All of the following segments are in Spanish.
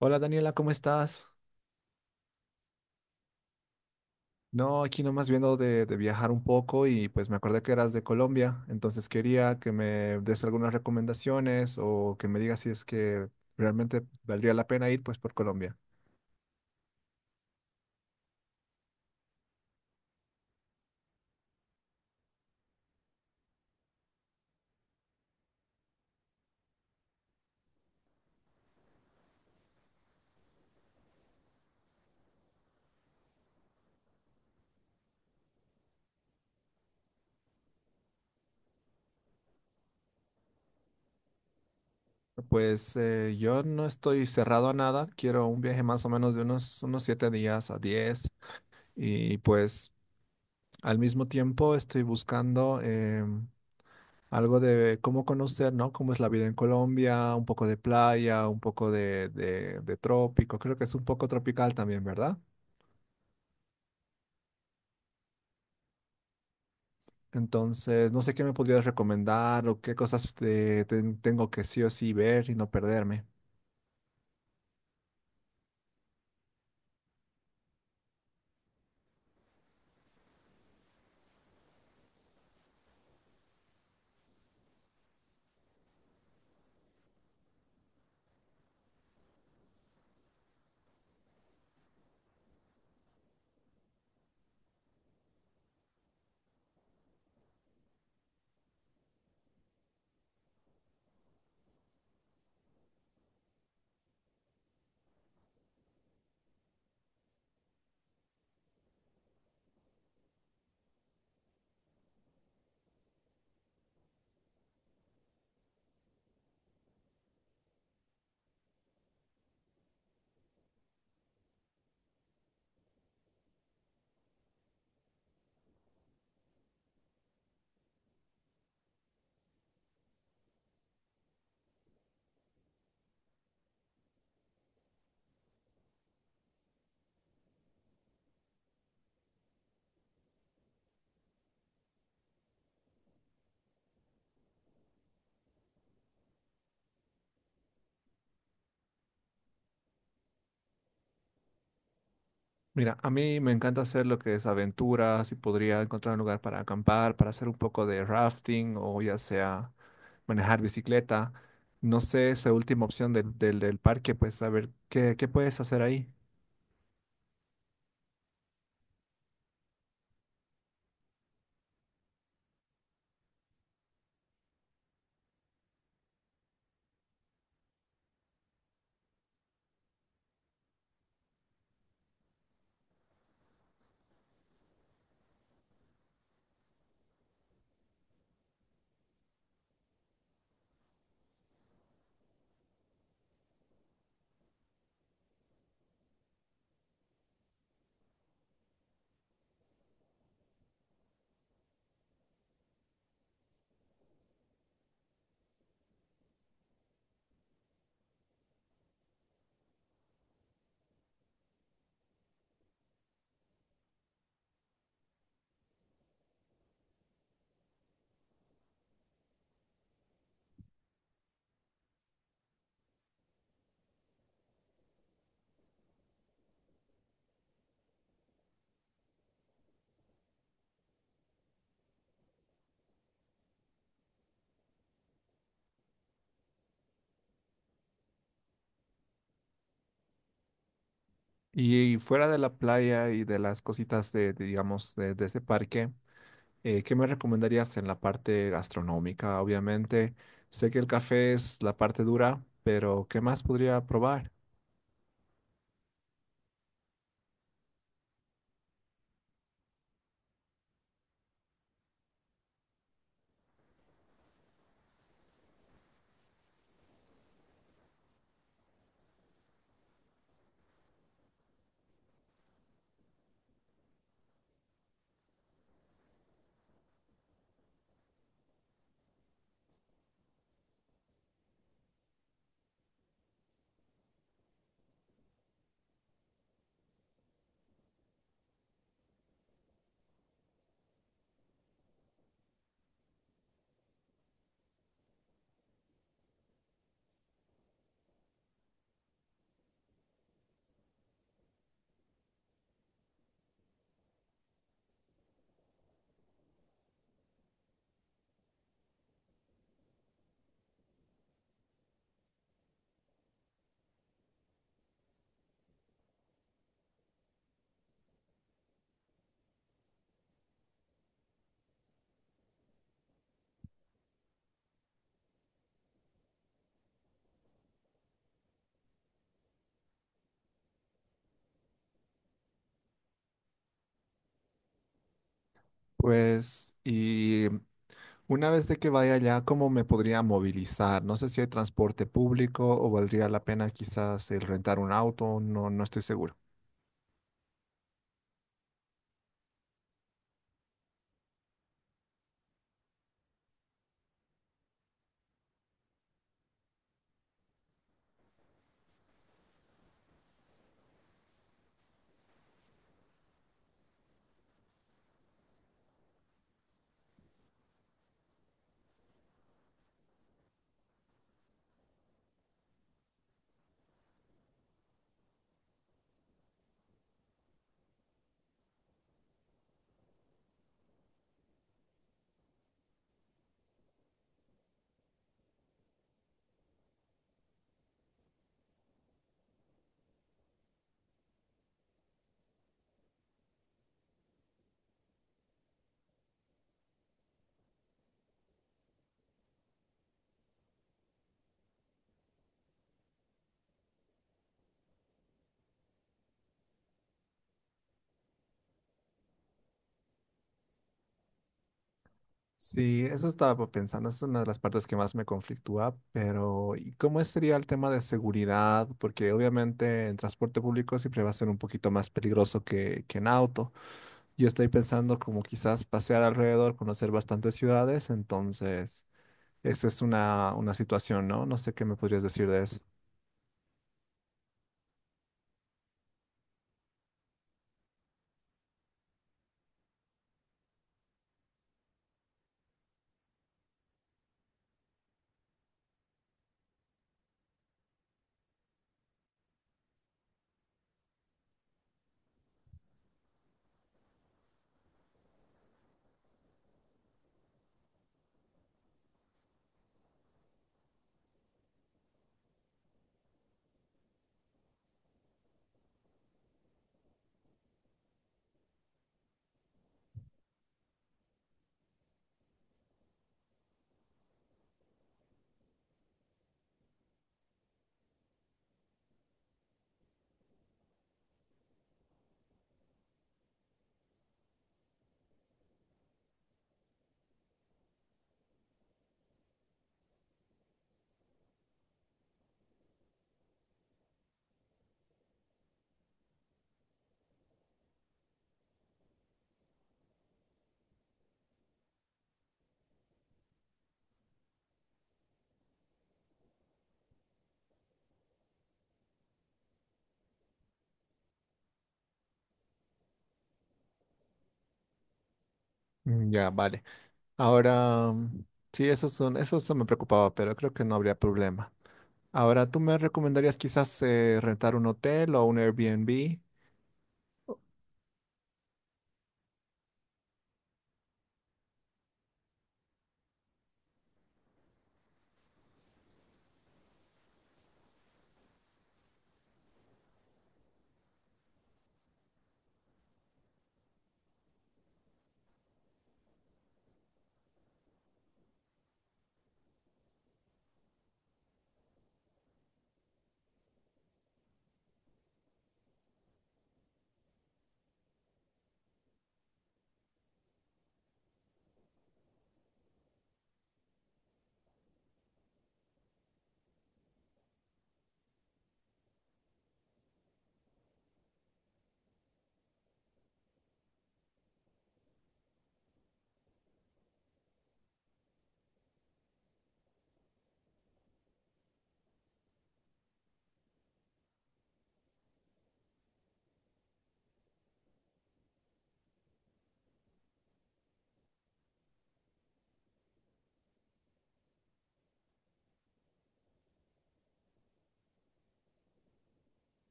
Hola Daniela, ¿cómo estás? No, aquí nomás viendo de viajar un poco y pues me acordé que eras de Colombia, entonces quería que me des algunas recomendaciones o que me digas si es que realmente valdría la pena ir pues por Colombia. Pues yo no estoy cerrado a nada, quiero un viaje más o menos de unos siete días a 10 y pues al mismo tiempo estoy buscando algo de cómo conocer, ¿no? Cómo es la vida en Colombia, un poco de playa, un poco de trópico. Creo que es un poco tropical también, ¿verdad? Entonces, no sé qué me podrías recomendar o qué cosas tengo que sí o sí ver y no perderme. Mira, a mí me encanta hacer lo que es aventuras y podría encontrar un lugar para acampar, para hacer un poco de rafting o ya sea manejar bicicleta. No sé, esa última opción del parque, pues a ver qué puedes hacer ahí. Y fuera de la playa y de las cositas digamos, de ese parque, ¿qué me recomendarías en la parte gastronómica? Obviamente, sé que el café es la parte dura, pero ¿qué más podría probar? Pues, y una vez de que vaya allá, ¿cómo me podría movilizar? No sé si hay transporte público o valdría la pena quizás el rentar un auto, no, no estoy seguro. Sí, eso estaba pensando, es una de las partes que más me conflictúa, pero ¿y cómo sería el tema de seguridad? Porque obviamente en transporte público siempre va a ser un poquito más peligroso que en auto. Yo estoy pensando como quizás pasear alrededor, conocer bastantes ciudades, entonces eso es una situación, ¿no? No sé qué me podrías decir de eso. Mm, ya, vale. Ahora, sí, eso son, eso me preocupaba, pero creo que no habría problema. Ahora, ¿tú me recomendarías quizás rentar un hotel o un Airbnb?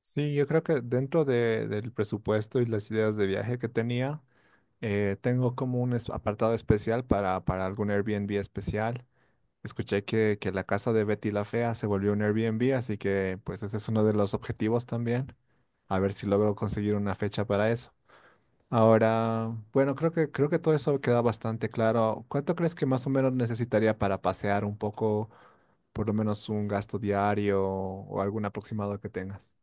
Sí, yo creo que dentro del presupuesto y las ideas de viaje que tenía, tengo como un apartado especial para algún Airbnb especial. Escuché que la casa de Betty la Fea se volvió un Airbnb, así que pues ese es uno de los objetivos también. A ver si logro conseguir una fecha para eso. Ahora, bueno, creo creo que todo eso queda bastante claro. ¿Cuánto crees que más o menos necesitaría para pasear un poco, por lo menos un gasto diario o algún aproximado que tengas?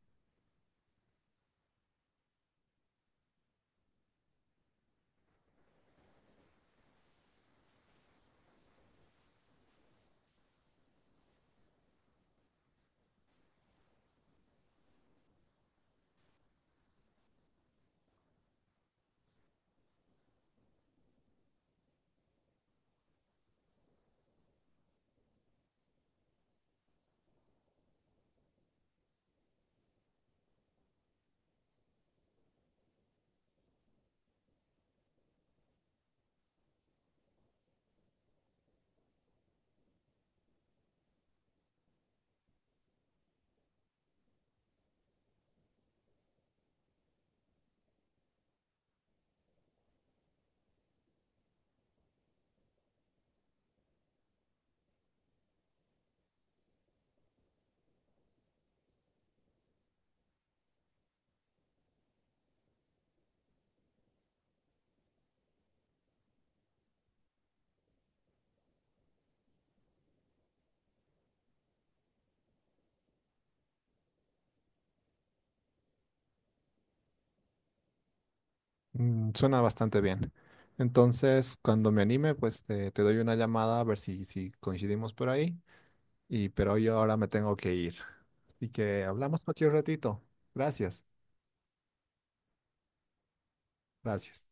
Mm, suena bastante bien. Entonces, cuando me anime, pues te doy una llamada a ver si coincidimos por ahí. Y pero yo ahora me tengo que ir. Así que hablamos cualquier ratito. Gracias. Gracias.